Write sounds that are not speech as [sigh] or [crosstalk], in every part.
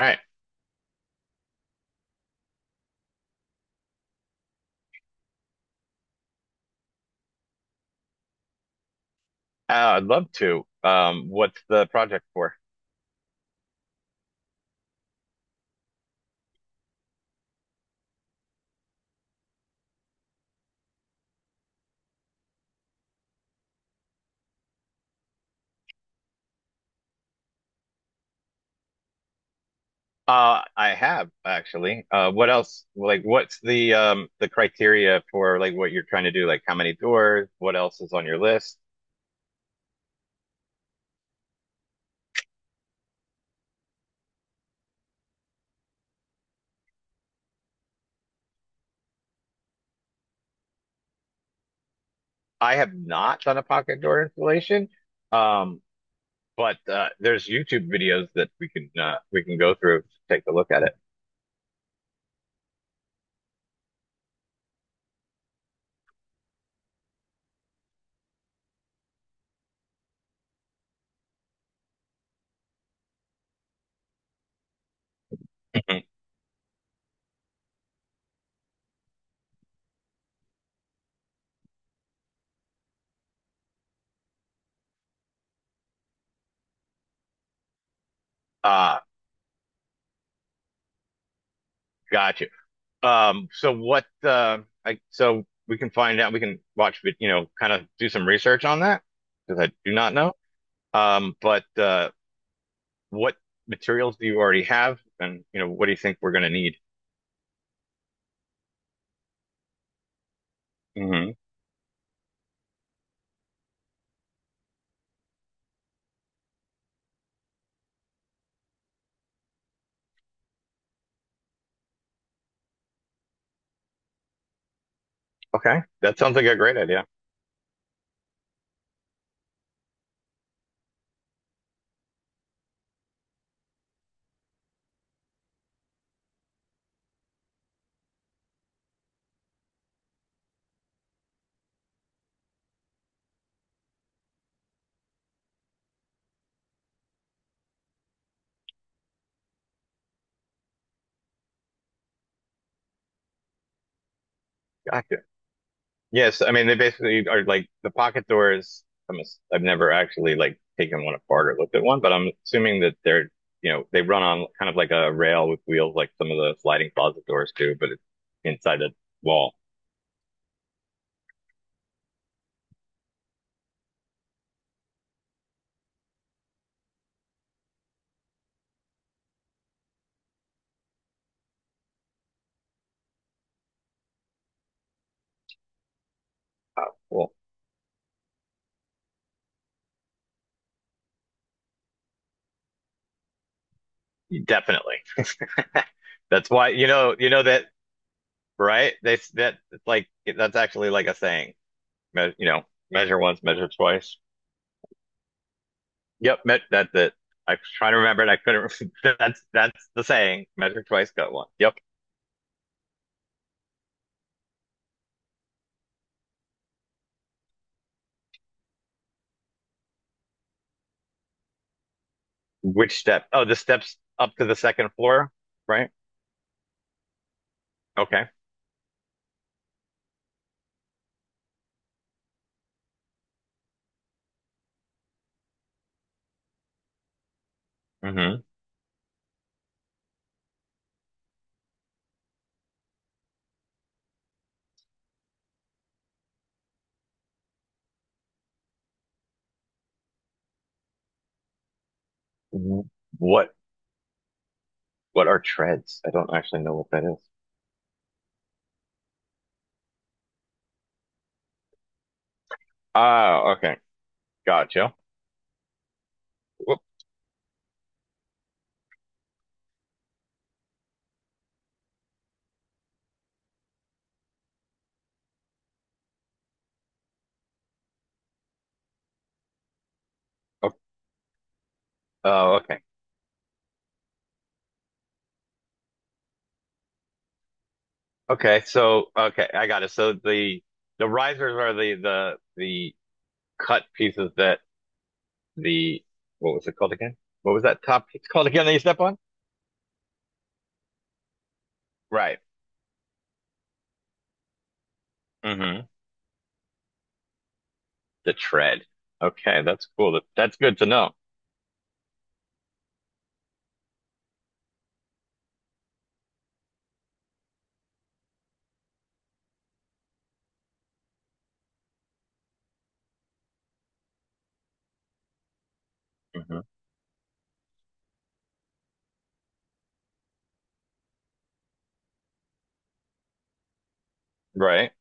All right. I'd love to. What's the project for? I have actually. What else? Like, what's the criteria for like what you're trying to do? Like, how many doors? What else is on your list? I have not done a pocket door installation. Um, but there's YouTube videos that we can go through to take a look at it. [laughs] Ah, got you. So what? I so we can find out. We can watch, kind of do some research on that because I do not know. But what materials do you already have, and what do you think we're going to need? hmm Okay, that sounds like a great idea. Gotcha. Yes, I mean they basically are like the pocket doors. I've never actually like taken one apart or looked at one, but I'm assuming that they're you know they run on kind of like a rail with wheels, like some of the sliding closet doors do, but it's inside a wall. Uh, well, Definitely. [laughs] That's why you know that right? They that it's like that's actually like a saying. me- you know, Measure once, measure twice. Yep, me that's it. I was trying to remember it. I couldn't. [laughs] That's the saying. Measure twice, cut once. Yep. Which step? Oh, the steps up to the second floor, right? Okay. Mm-hmm. What what are treads? I don't actually know what that is. Oh, okay. Gotcha. Whoop. Oh, oh, okay. Okay. So, okay, I got it. So the risers are the cut pieces that the what was it called again? What was that top piece called again that you step on? Right. hmm The tread. Okay, that's cool. That, that's good to know. hmm Right.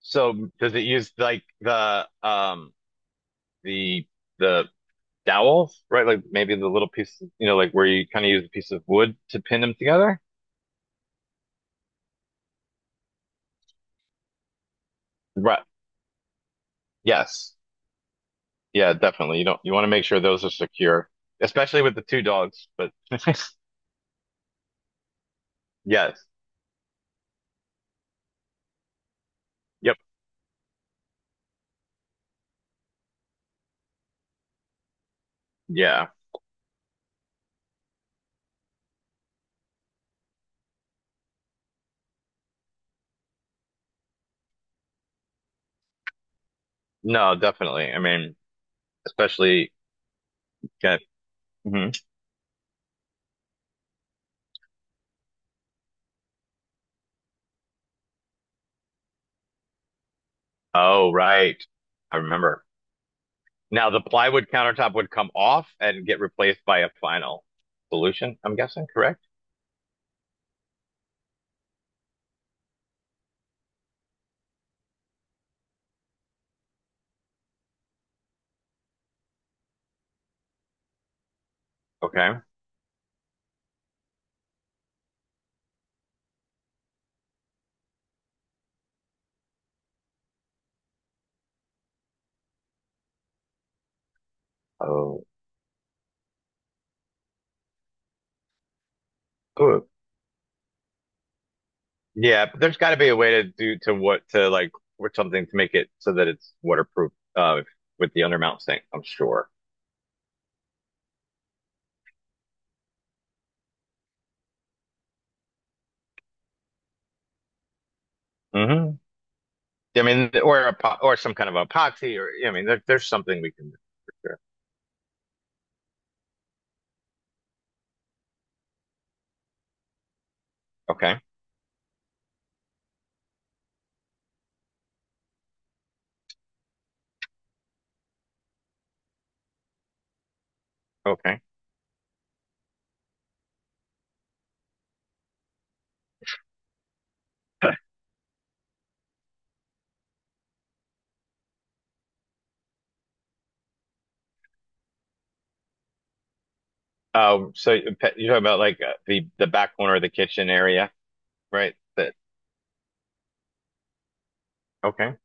So does it use like the the dowels, right? Like maybe the little piece, like where you kind of use a piece of wood to pin them together? Right. Yes. Yeah, definitely. You don't you want to make sure those are secure, especially with the two dogs, but [laughs] yes. Yep. Yeah. No, definitely. I mean, especially yeah. Mhm. Oh, right. I remember. Now the plywood countertop would come off and get replaced by a final solution, I'm guessing, correct? Okay. Oh, ooh. Yeah, but there's got to be a way to do to what to like with something to make it so that it's waterproof with the undermount sink, I'm sure. hmm I mean, or a po or some kind of epoxy or I mean, there's something we can do for sure. Okay. Okay. [clears throat] [laughs] You're talking about like the back corner of the kitchen area, right? That okay.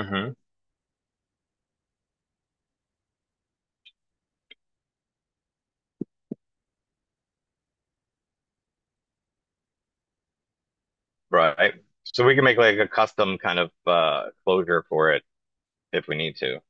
hmm Right. So we can make like a custom kind of closure for it if we need to,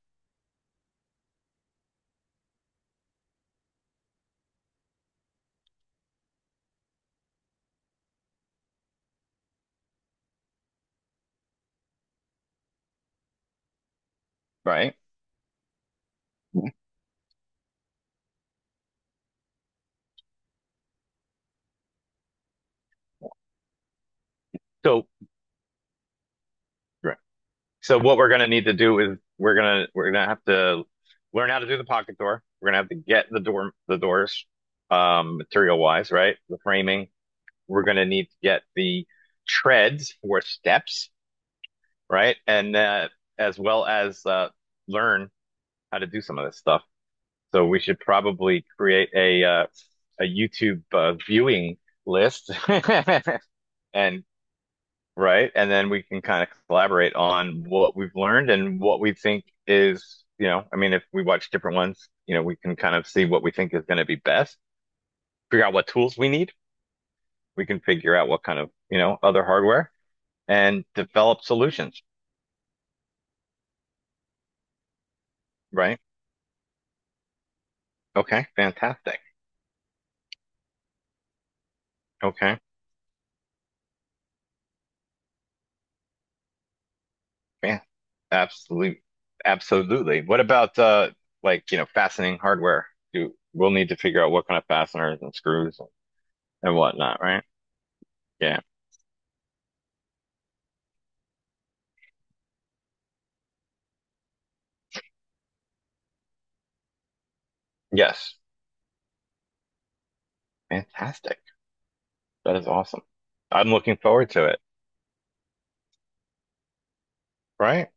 right? Mhm. So right. So what we're gonna need to do is we're gonna have to learn how to do the pocket door. We're gonna have to get the doors material wise, right? The framing. We're gonna need to get the treads or steps, right? And as well as learn how to do some of this stuff. So we should probably create a YouTube viewing list [laughs] and right, and then we can kind of collaborate on what we've learned and what we think is, you know, I mean, if we watch different ones, you know, we can kind of see what we think is going to be best, figure out what tools we need. We can figure out what kind of, you know, other hardware and develop solutions, right? Okay, fantastic. Okay. Yeah, absolutely, absolutely. What about like fastening hardware? You we'll need to figure out what kind of fasteners and screws and whatnot, right? Yeah. Yes. Fantastic. That is awesome. I'm looking forward to it. Right?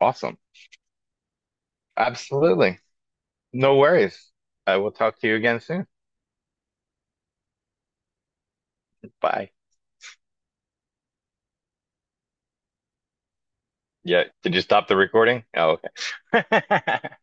Awesome. Absolutely. No worries. I will talk to you again soon. Bye. Yeah. Did you stop the recording? Oh, okay. [laughs]